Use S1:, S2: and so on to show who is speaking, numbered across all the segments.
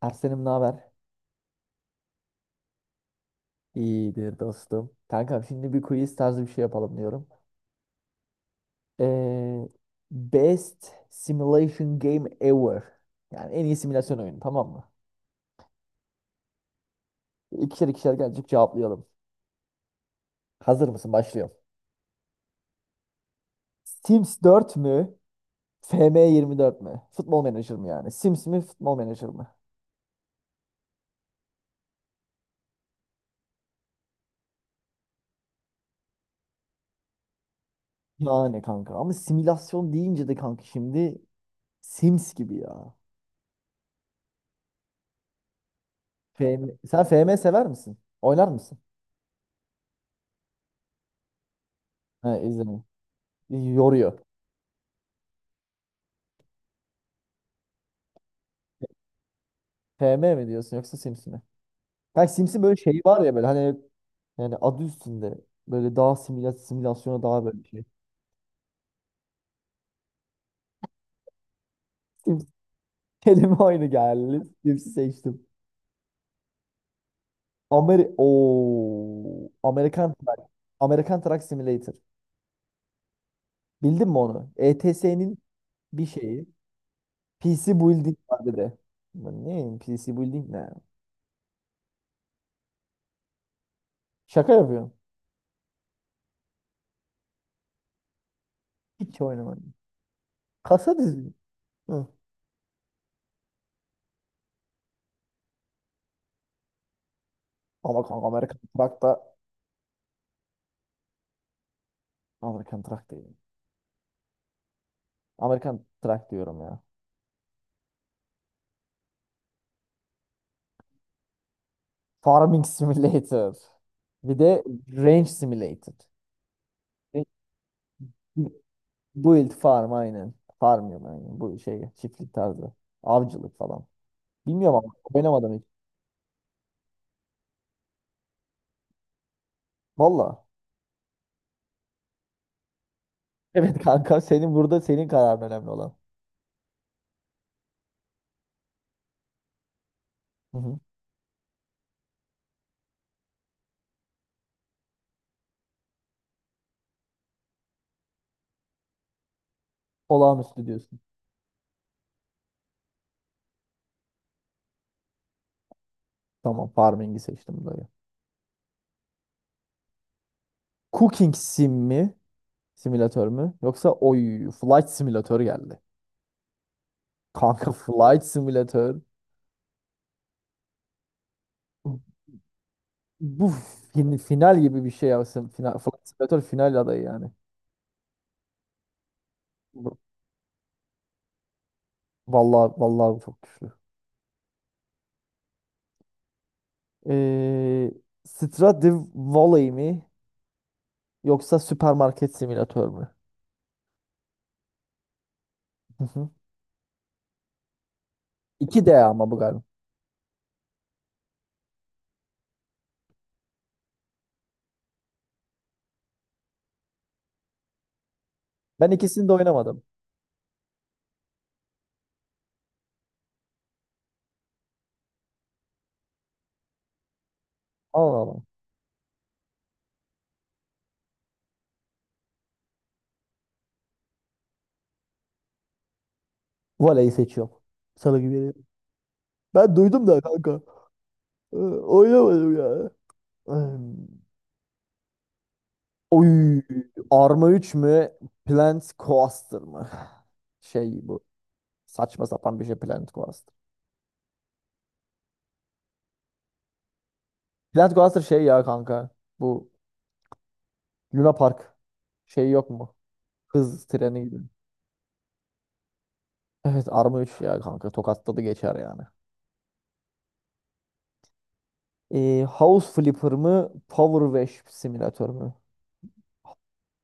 S1: Ersen'im ne haber? İyidir dostum. Kankam şimdi bir quiz tarzı bir şey yapalım diyorum. Ee, best simulation game ever. Yani en iyi simülasyon oyunu, tamam mı? İkişer ikişer gelecek cevaplayalım. Hazır mısın? Başlıyorum. Sims 4 mü? FM24 mü? Futbol Manager mı yani? Sims mi? Futbol Manager mı? Yani kanka ama simülasyon deyince de kanka şimdi Sims gibi ya. FM... Sen FM sever misin? Oynar mısın? He, izledim. Yoruyor. FM mi diyorsun yoksa Sims mi? Kanka Sims'in böyle şeyi var ya, böyle hani yani adı üstünde, böyle daha simülasyona daha böyle bir şey. Sims kelime oyunu geldi. Sims'i seçtim. Oo, Amerikan Truck. Amerikan Truck Simulator. Bildin mi onu? ETS'nin bir şeyi. PC Building var bir de. Ulan ne PC Building ne? Şaka yapıyorum. Hiç oynamadım. Kasa dizi. Hı. Ama kanka Amerikan Truck da... Amerikan Truck değil, Amerikan Truck diyorum ya. Farming Simulator. Bir de Range Simulator. E, Build farm aynen. Farm Farmıyorum aynen. Bu şey, çiftlik tarzı. Avcılık falan. Bilmiyorum, ama oynamadım hiç. Valla. Evet kanka, senin burada, senin kararın önemli olan. Hı hı. Olağanüstü diyorsun. Tamam, farming'i seçtim böyle. Cooking sim mi? Simülatör mü? Yoksa oy, flight simülatör geldi. Kanka flight simülatör. Bu final gibi bir şey ya. Final, flight simülatör final adayı yani. Vallahi vallahi bu çok güçlü. Ee, Stradivari mi yoksa süpermarket simülatör mü? Hı hı. 2D ama bu galiba. Ben ikisini de oynamadım. Allah Allah. Voleyi seçiyorum. Salı gibi. Ben duydum da kanka. Oynamadım ya. Ee, Oy. Arma 3 mü? Plant Coaster mı? Şey bu. Saçma sapan bir şey Plant Coaster. Plant Coaster şey ya kanka. Bu Luna Park şey yok mu? Hız treni gibi. Evet, Arma 3 ya kanka, tokatladı geçer yani. House Flipper mı Power Wash Simülatör mü?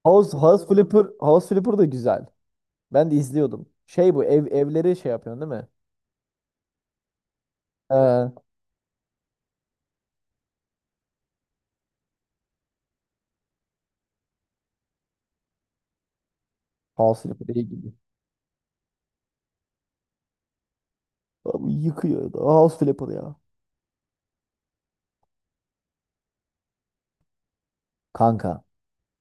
S1: House Flipper, da güzel. Ben de izliyordum. Şey, bu evleri şey yapıyorsun, değil mi? Ee, House Flipper iyi gibi. Abi yıkıyor da, House Flipper ya. Kanka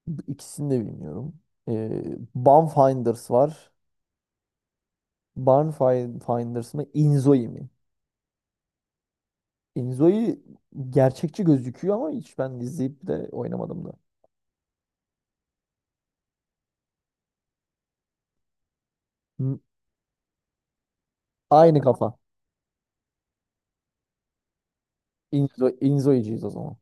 S1: bu ikisini de bilmiyorum. Ee, Barn Finders var. Barn Finders mı Inzoi mi? Inzoi gerçekçi gözüküyor ama hiç ben izleyip de oynamadım da. Hı, aynı kafa. Inzo'yucuyuz o zaman.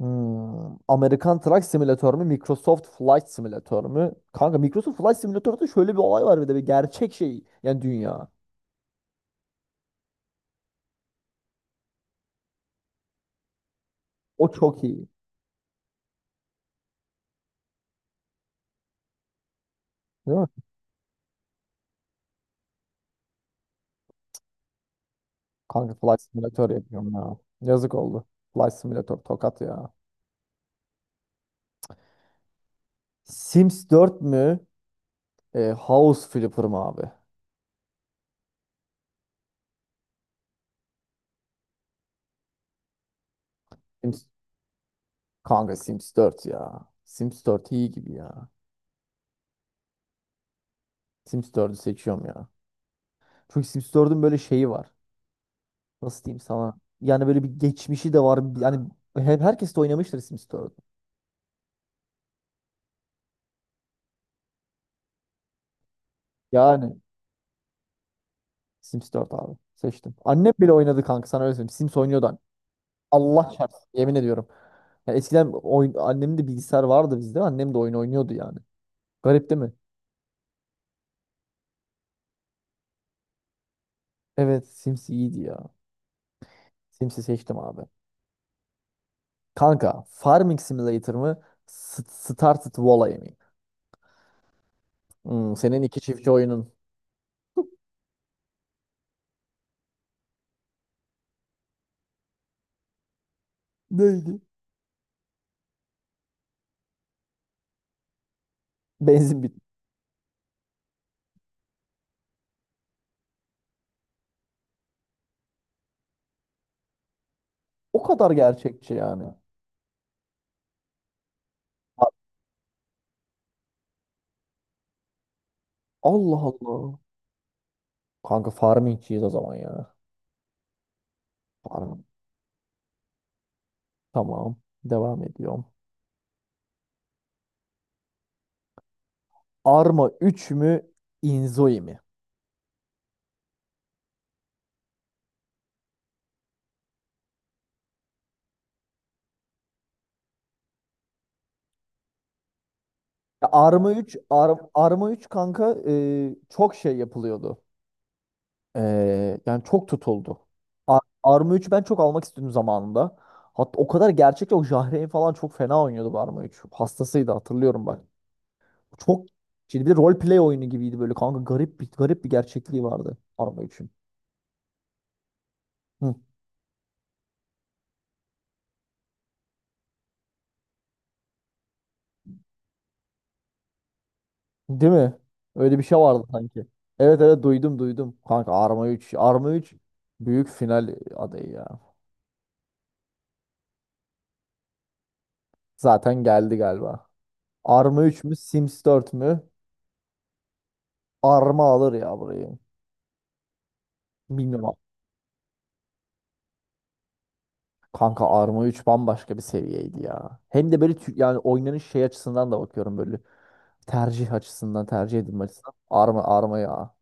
S1: Hmm. Amerikan Truck Simulator mu? Microsoft Flight Simulator mu? Kanka, Microsoft Flight Simulator'da şöyle bir olay var bir de, bir gerçek şey. Yani dünya. O çok iyi. Değil mi? Kanka Flight Simulator yapıyorum ya. Yazık oldu. Flight Simulator tokat ya. Sims 4 mü? House Flipper mı abi? Sims, kanka Sims 4 ya. Sims 4 iyi gibi ya. Sims 4'ü seçiyorum ya. Çünkü Sims 4'ün böyle şeyi var. Nasıl diyeyim sana? Yani böyle bir geçmişi de var. Yani hep herkes de oynamıştır Sims 4. Yani Sims 4 abi. Seçtim. Annem bile oynadı kanka, sana öyle söyleyeyim. Sims oynuyordu annem. Allah çarpsın, yemin ediyorum. Yani eskiden oyun, annemin de bilgisayar vardı bizde. Annem de oyun oynuyordu yani. Garip değil mi? Evet Sims iyiydi ya. Sims'i seçtim abi. Kanka Farming Simulator mı? Started Valley mi? Hmm, senin iki çiftçi oyunun. Neydi? Benzin bit. O kadar gerçekçi yani. Allah Allah. Kanka farmingçiyiz o zaman ya. Farm. Tamam, devam ediyorum. Arma 3 mü? Inzoi mi? Ya Arma 3, Arma 3 kanka, çok şey yapılıyordu. E, yani çok tutuldu. Arma 3 ben çok almak istedim zamanında. Hatta o kadar, gerçekten o Jahreyn falan çok fena oynuyordu bu Arma 3. Hastasıydı, hatırlıyorum bak. Çok, şimdi bir rol play oyunu gibiydi böyle kanka, garip bir gerçekliği vardı Arma 3'ün. Değil mi? Öyle bir şey vardı sanki. Evet evet, duydum duydum. Kanka Arma 3. Arma 3 büyük final adayı ya. Zaten geldi galiba. Arma 3 mü Sims 4 mü? Arma alır ya burayı. Bilmiyorum abi. Kanka Arma 3 bambaşka bir seviyeydi ya. Hem de böyle, yani oynanış şey açısından da bakıyorum böyle. Tercih açısından, tercih edilme açısından. Arma Arma ya.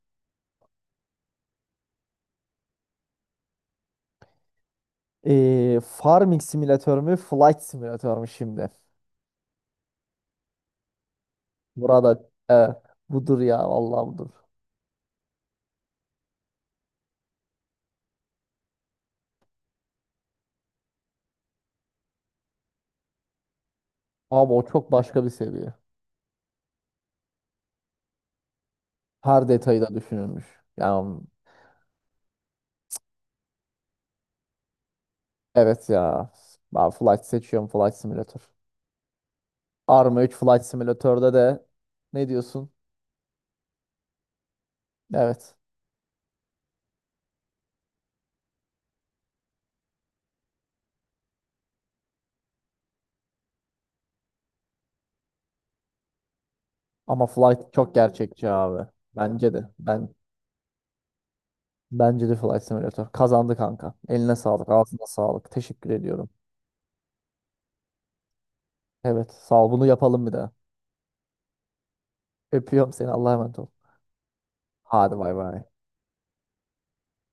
S1: Farming Simülatör mü Flight Simülatör mü şimdi? Burada evet, budur ya, vallahi budur. Abi o çok başka bir seviye. Her detayı da düşünülmüş. Yani evet ya. Ben Flight seçiyorum, Flight Simulator. Arma 3 Flight Simulator'da de, ne diyorsun? Evet. Ama Flight çok gerçekçi abi. Bence de. Bence de Flight Simulator. Kazandı kanka. Eline sağlık, ağzına sağlık. Teşekkür ediyorum. Evet, sağ ol. Bunu yapalım bir daha. Öpüyorum seni, Allah'a emanet ol. Hadi bay bay.